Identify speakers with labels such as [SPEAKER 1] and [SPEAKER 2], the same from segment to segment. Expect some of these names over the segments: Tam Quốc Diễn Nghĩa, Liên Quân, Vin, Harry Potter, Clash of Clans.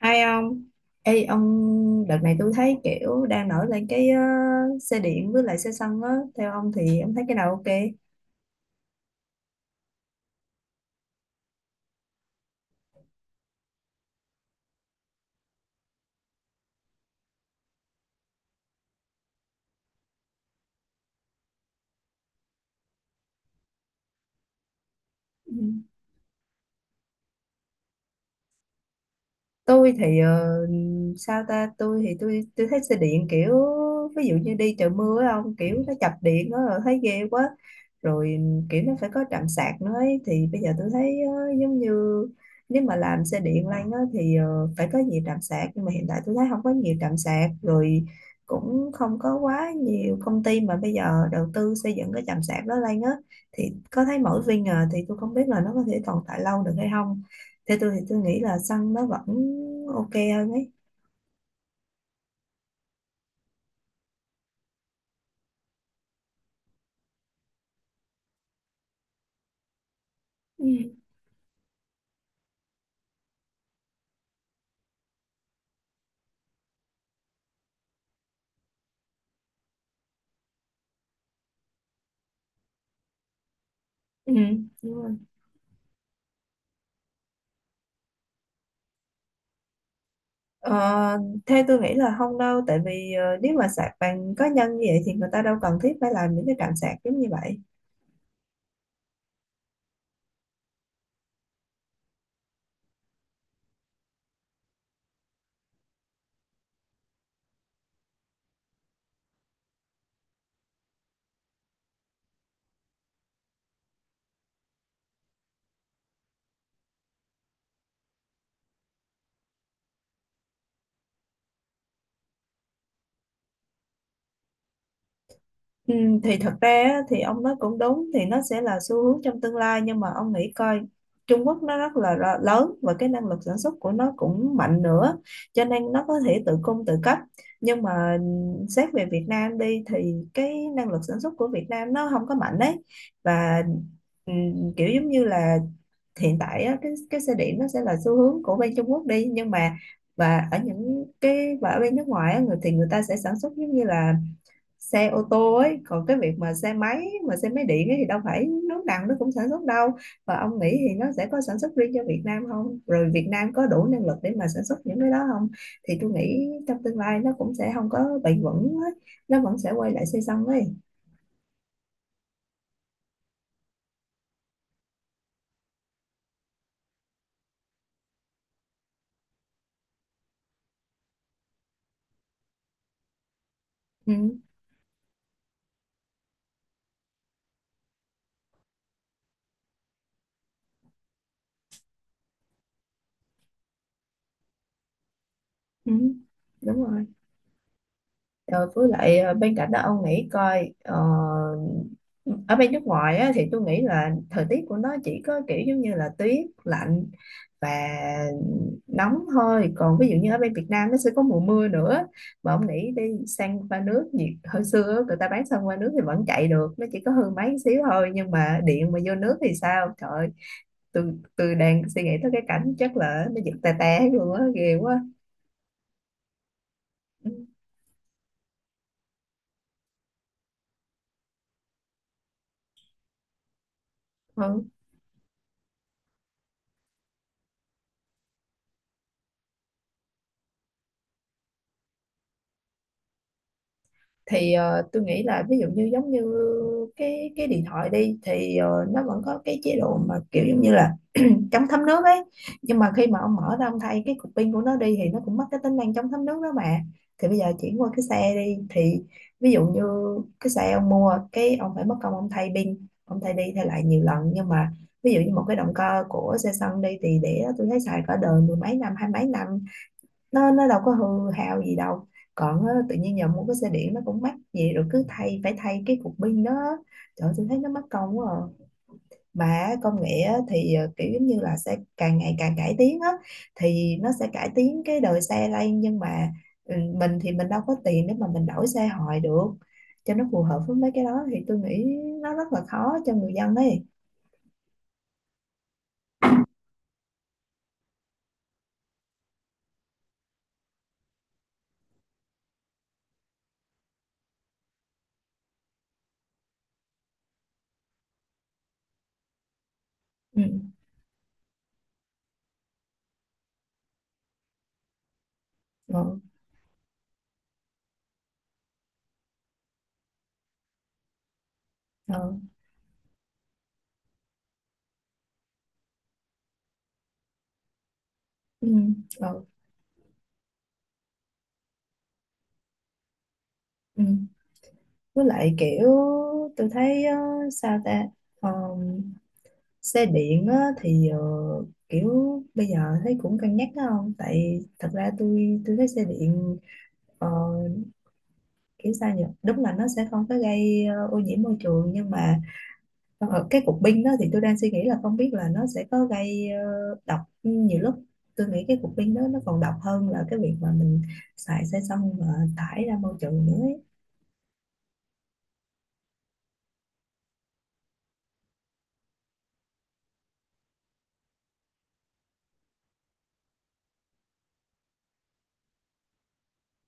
[SPEAKER 1] Hay ông? Ê ông, đợt này tôi thấy kiểu đang nổi lên cái xe điện với lại xe xăng á, theo ông thì ông thấy cái nào ok? Ừ. Tôi thì sao ta, tôi thì tôi thấy xe điện kiểu ví dụ như đi trời mưa á ông, kiểu nó chập điện nó là thấy ghê quá, rồi kiểu nó phải có trạm sạc nữa ấy. Thì bây giờ tôi thấy giống như nếu mà làm xe điện lanh á thì phải có nhiều trạm sạc, nhưng mà hiện tại tôi thấy không có nhiều trạm sạc, rồi cũng không có quá nhiều công ty mà bây giờ đầu tư xây dựng cái trạm sạc đó lanh á, thì có thấy mỗi Vin à, thì tôi không biết là nó có thể tồn tại lâu được hay không. Theo tôi thì tôi nghĩ là xăng nó vẫn ok hơn ấy. Ừ. Ừ. Đúng rồi. Ờ, theo tôi nghĩ là không đâu, tại vì nếu mà sạc bằng cá nhân như vậy thì người ta đâu cần thiết phải làm những cái trạm sạc giống như vậy. Ừ, thì thật ra á, thì ông nói cũng đúng, thì nó sẽ là xu hướng trong tương lai, nhưng mà ông nghĩ coi, Trung Quốc nó rất là lớn và cái năng lực sản xuất của nó cũng mạnh nữa, cho nên nó có thể tự cung tự cấp. Nhưng mà xét về Việt Nam đi thì cái năng lực sản xuất của Việt Nam nó không có mạnh đấy, và ừ, kiểu giống như là hiện tại á, cái xe điện nó sẽ là xu hướng của bên Trung Quốc đi, nhưng mà và ở bên nước ngoài á, người ta sẽ sản xuất giống như là xe ô tô ấy, còn cái việc mà xe máy điện ấy thì đâu phải nước nào nó cũng sản xuất đâu. Và ông nghĩ thì nó sẽ có sản xuất riêng cho Việt Nam không, rồi Việt Nam có đủ năng lực để mà sản xuất những cái đó không? Thì tôi nghĩ trong tương lai nó cũng sẽ không có bền vững ấy. Nó vẫn sẽ quay lại xây xăng ấy. Ừ, ừ, đúng rồi. Rồi với lại bên cạnh đó ông nghĩ coi, ở bên nước ngoài á, thì tôi nghĩ là thời tiết của nó chỉ có kiểu giống như là tuyết lạnh và nóng thôi, còn ví dụ như ở bên Việt Nam nó sẽ có mùa mưa nữa. Mà ông nghĩ đi, sang qua nước nhiệt hồi xưa á, người ta bán sang qua nước thì vẫn chạy được, nó chỉ có hư máy một xíu thôi, nhưng mà điện mà vô nước thì sao? Trời ơi, tôi đang suy nghĩ tới cái cảnh chắc là nó giật tè té luôn á, ghê quá. Ừ. Ừ. Thì tôi nghĩ là ví dụ như giống như cái điện thoại đi thì nó vẫn có cái chế độ mà kiểu giống như là chống thấm nước ấy. Nhưng mà khi mà ông mở ra ông thay cái cục pin của nó đi thì nó cũng mất cái tính năng chống thấm nước đó mà. Thì bây giờ chuyển qua cái xe đi thì ví dụ như cái xe ông mua cái ông phải mất công ông thay pin, ông thay đi thay lại nhiều lần. Nhưng mà ví dụ như một cái động cơ của xe xăng đi thì để đó tôi thấy xài cả đời, mười mấy năm, hai mấy năm nó đâu có hư hao gì đâu. Còn á, tự nhiên giờ mua cái xe điện nó cũng mắc gì rồi cứ thay, phải thay cái cục pin đó, trời ơi, tôi thấy nó mất công quá à. Mà công nghệ á, thì kiểu giống như là sẽ càng ngày càng cải tiến á, thì nó sẽ cải tiến cái đời xe lên. Nhưng mà mình thì mình đâu có tiền để mà mình đổi xe hoài được cho nó phù hợp với mấy cái đó, thì tôi nghĩ nó rất là khó cho người dân ấy. Ừ. Ừ. Ừ. Ừ. Ừ. Ừ. Với lại kiểu tôi thấy sao ta, Ờ, xe điện á, thì kiểu bây giờ thấy cũng cân nhắc đó, không tại thật ra tôi thấy xe điện, ờ, kiểu sao nhỉ, đúng là nó sẽ không có gây ô nhiễm môi trường, nhưng mà cái cục pin đó thì tôi đang suy nghĩ là không biết là nó sẽ có gây độc, nhiều lúc tôi nghĩ cái cục pin đó nó còn độc hơn là cái việc mà mình xài xe xong mà thải ra môi trường nữa ấy.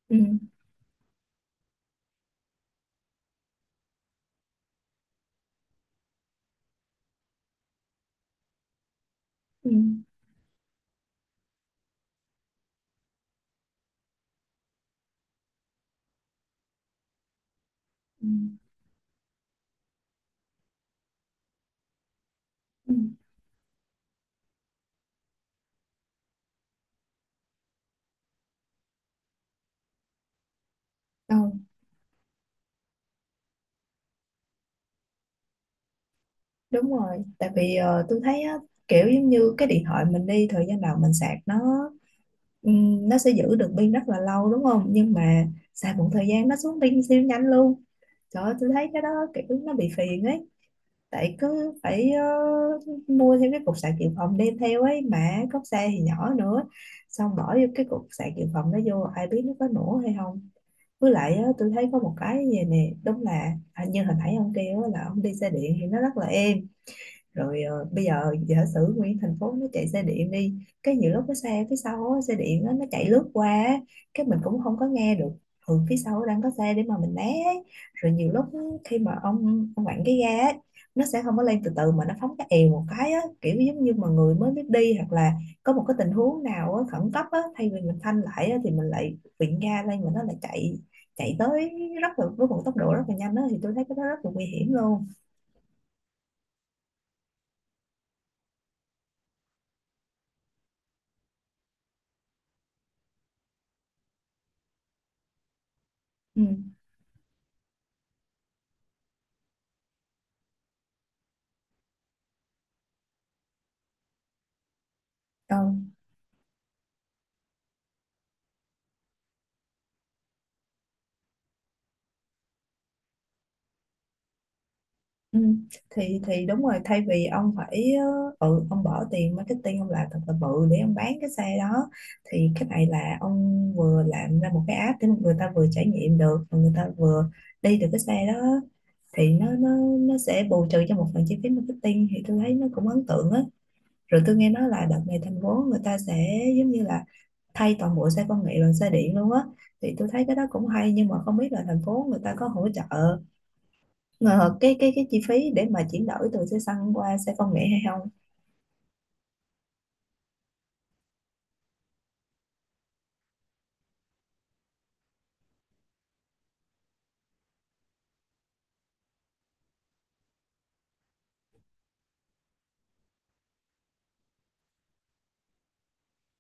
[SPEAKER 1] Ừ, ừ, ừ, ừ. Ờ, đúng rồi, tại vì tôi thấy á, kiểu giống như cái điện thoại mình đi thời gian nào mình sạc nó, ừ, nó sẽ giữ được pin rất là lâu đúng không, nhưng mà xài một thời gian nó xuống pin siêu nhanh luôn. Trời ơi, tôi thấy cái đó kiểu nó bị phiền ấy. Tại cứ phải mua thêm cái cục sạc dự phòng đem theo ấy. Mà cốc xe thì nhỏ nữa. Xong bỏ vô cái cục sạc dự phòng đó vô, ai biết nó có nổ hay không. Với lại á, tôi thấy có một cái như vậy nè. Đúng là à, như hồi nãy ông kêu á, là ông đi xe điện thì nó rất là êm. Rồi bây giờ giả sử nguyên thành phố nó chạy xe điện đi, cái nhiều lúc cái xe phía sau á, xe điện á, nó chạy lướt qua á, cái mình cũng không có nghe được phía sau đang có xe để mà mình né ấy. Rồi nhiều lúc khi mà ông vặn cái ga ấy, nó sẽ không có lên từ từ mà nó phóng cái èo một cái á, kiểu giống như mà người mới biết đi, hoặc là có một cái tình huống nào á khẩn cấp á, thay vì mình phanh lại á, thì mình lại vịn ga lên mà nó lại chạy chạy tới, rất là với một tốc độ rất là nhanh á, thì tôi thấy cái đó rất là nguy hiểm luôn. Ừ. Ờ, Ừ. Thì đúng rồi, thay vì ông phải ông bỏ tiền marketing, ông làm thật là bự để ông bán cái xe đó, thì cái này là ông vừa làm ra một cái app để người ta vừa trải nghiệm được và người ta vừa đi được cái xe đó, thì nó sẽ bù trừ cho một phần chi phí marketing, thì tôi thấy nó cũng ấn tượng á. Rồi tôi nghe nói là đợt này thành phố người ta sẽ giống như là thay toàn bộ xe công nghệ bằng xe điện luôn á, thì tôi thấy cái đó cũng hay, nhưng mà không biết là thành phố người ta có hỗ trợ Ờ, cái chi phí để mà chuyển đổi từ xe xăng qua xe công nghệ hay không.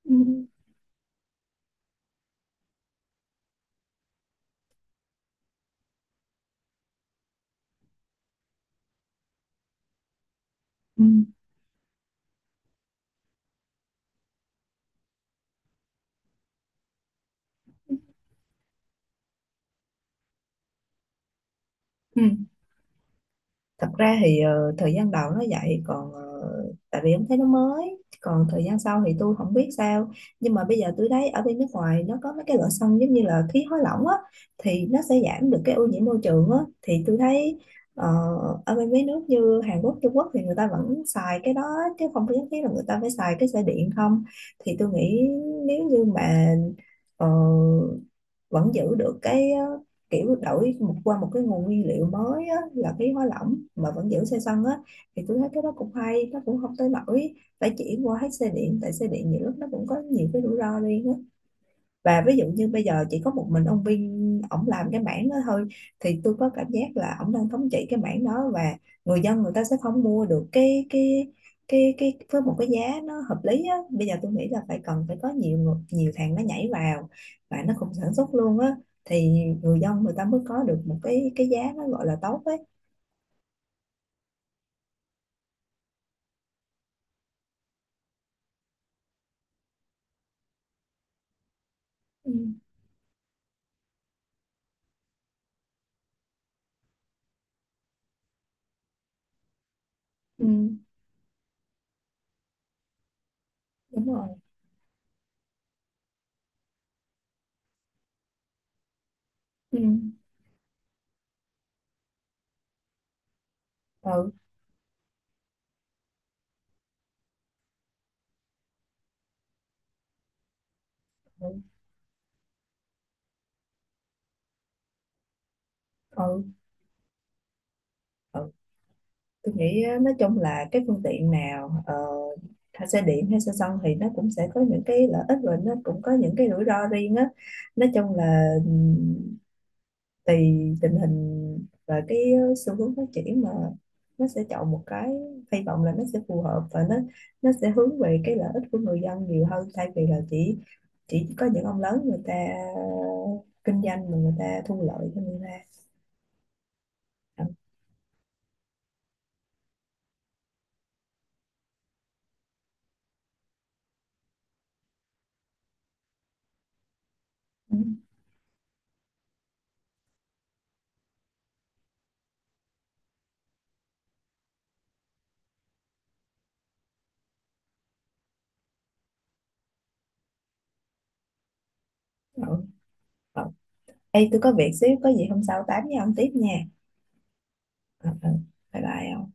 [SPEAKER 1] Ừ. Ừ. Ừ. Thật ra thì thời gian đầu nó vậy, còn tại vì em thấy nó mới, còn thời gian sau thì tôi không biết sao. Nhưng mà bây giờ tôi thấy ở bên nước ngoài nó có mấy cái loại sân giống như là khí hóa lỏng á, thì nó sẽ giảm được cái ô nhiễm môi trường á. Thì tôi thấy ờ, ở bên mấy nước như Hàn Quốc, Trung Quốc thì người ta vẫn xài cái đó chứ không có nhất thiết là người ta phải xài cái xe điện không. Thì tôi nghĩ nếu như mà ờ, vẫn giữ được cái kiểu đổi một qua một cái nguồn nguyên liệu mới á, là khí hóa lỏng mà vẫn giữ xe sân á, thì tôi thấy cái đó cũng hay, nó cũng không tới nỗi phải chuyển qua hết xe điện, tại xe điện nhiều lúc nó cũng có nhiều cái rủi ro riêng á. Và ví dụ như bây giờ chỉ có một mình ông Vin ổng làm cái mảng đó thôi, thì tôi có cảm giác là ổng đang thống trị cái mảng đó, và người dân người ta sẽ không mua được cái với một cái giá nó hợp lý á. Bây giờ tôi nghĩ là phải cần phải có nhiều thằng nó nhảy vào và nó cùng sản xuất luôn á, thì người dân người ta mới có được một cái giá nó gọi là tốt ấy. Ừ, ừ, đúng rồi. Ừ, ừ, ừ, ừ. Ừ. Tôi nghĩ á, nói chung là cái phương tiện nào hay xe điện hay xe xăng thì nó cũng sẽ có những cái lợi ích và nó cũng có những cái rủi ro riêng á. Nói chung là tùy tình hình và cái xu hướng phát triển mà nó sẽ chọn một cái. Hy vọng là nó sẽ phù hợp và nó sẽ hướng về cái lợi ích của người dân nhiều hơn, thay vì là chỉ có những ông lớn người ta kinh doanh mà người ta thu lợi cho người ta. Ừ. Ừ. Ê, tôi có việc xíu, có gì hôm sau tám với ông tiếp nha. Ừ, ừ. Bye bye ông.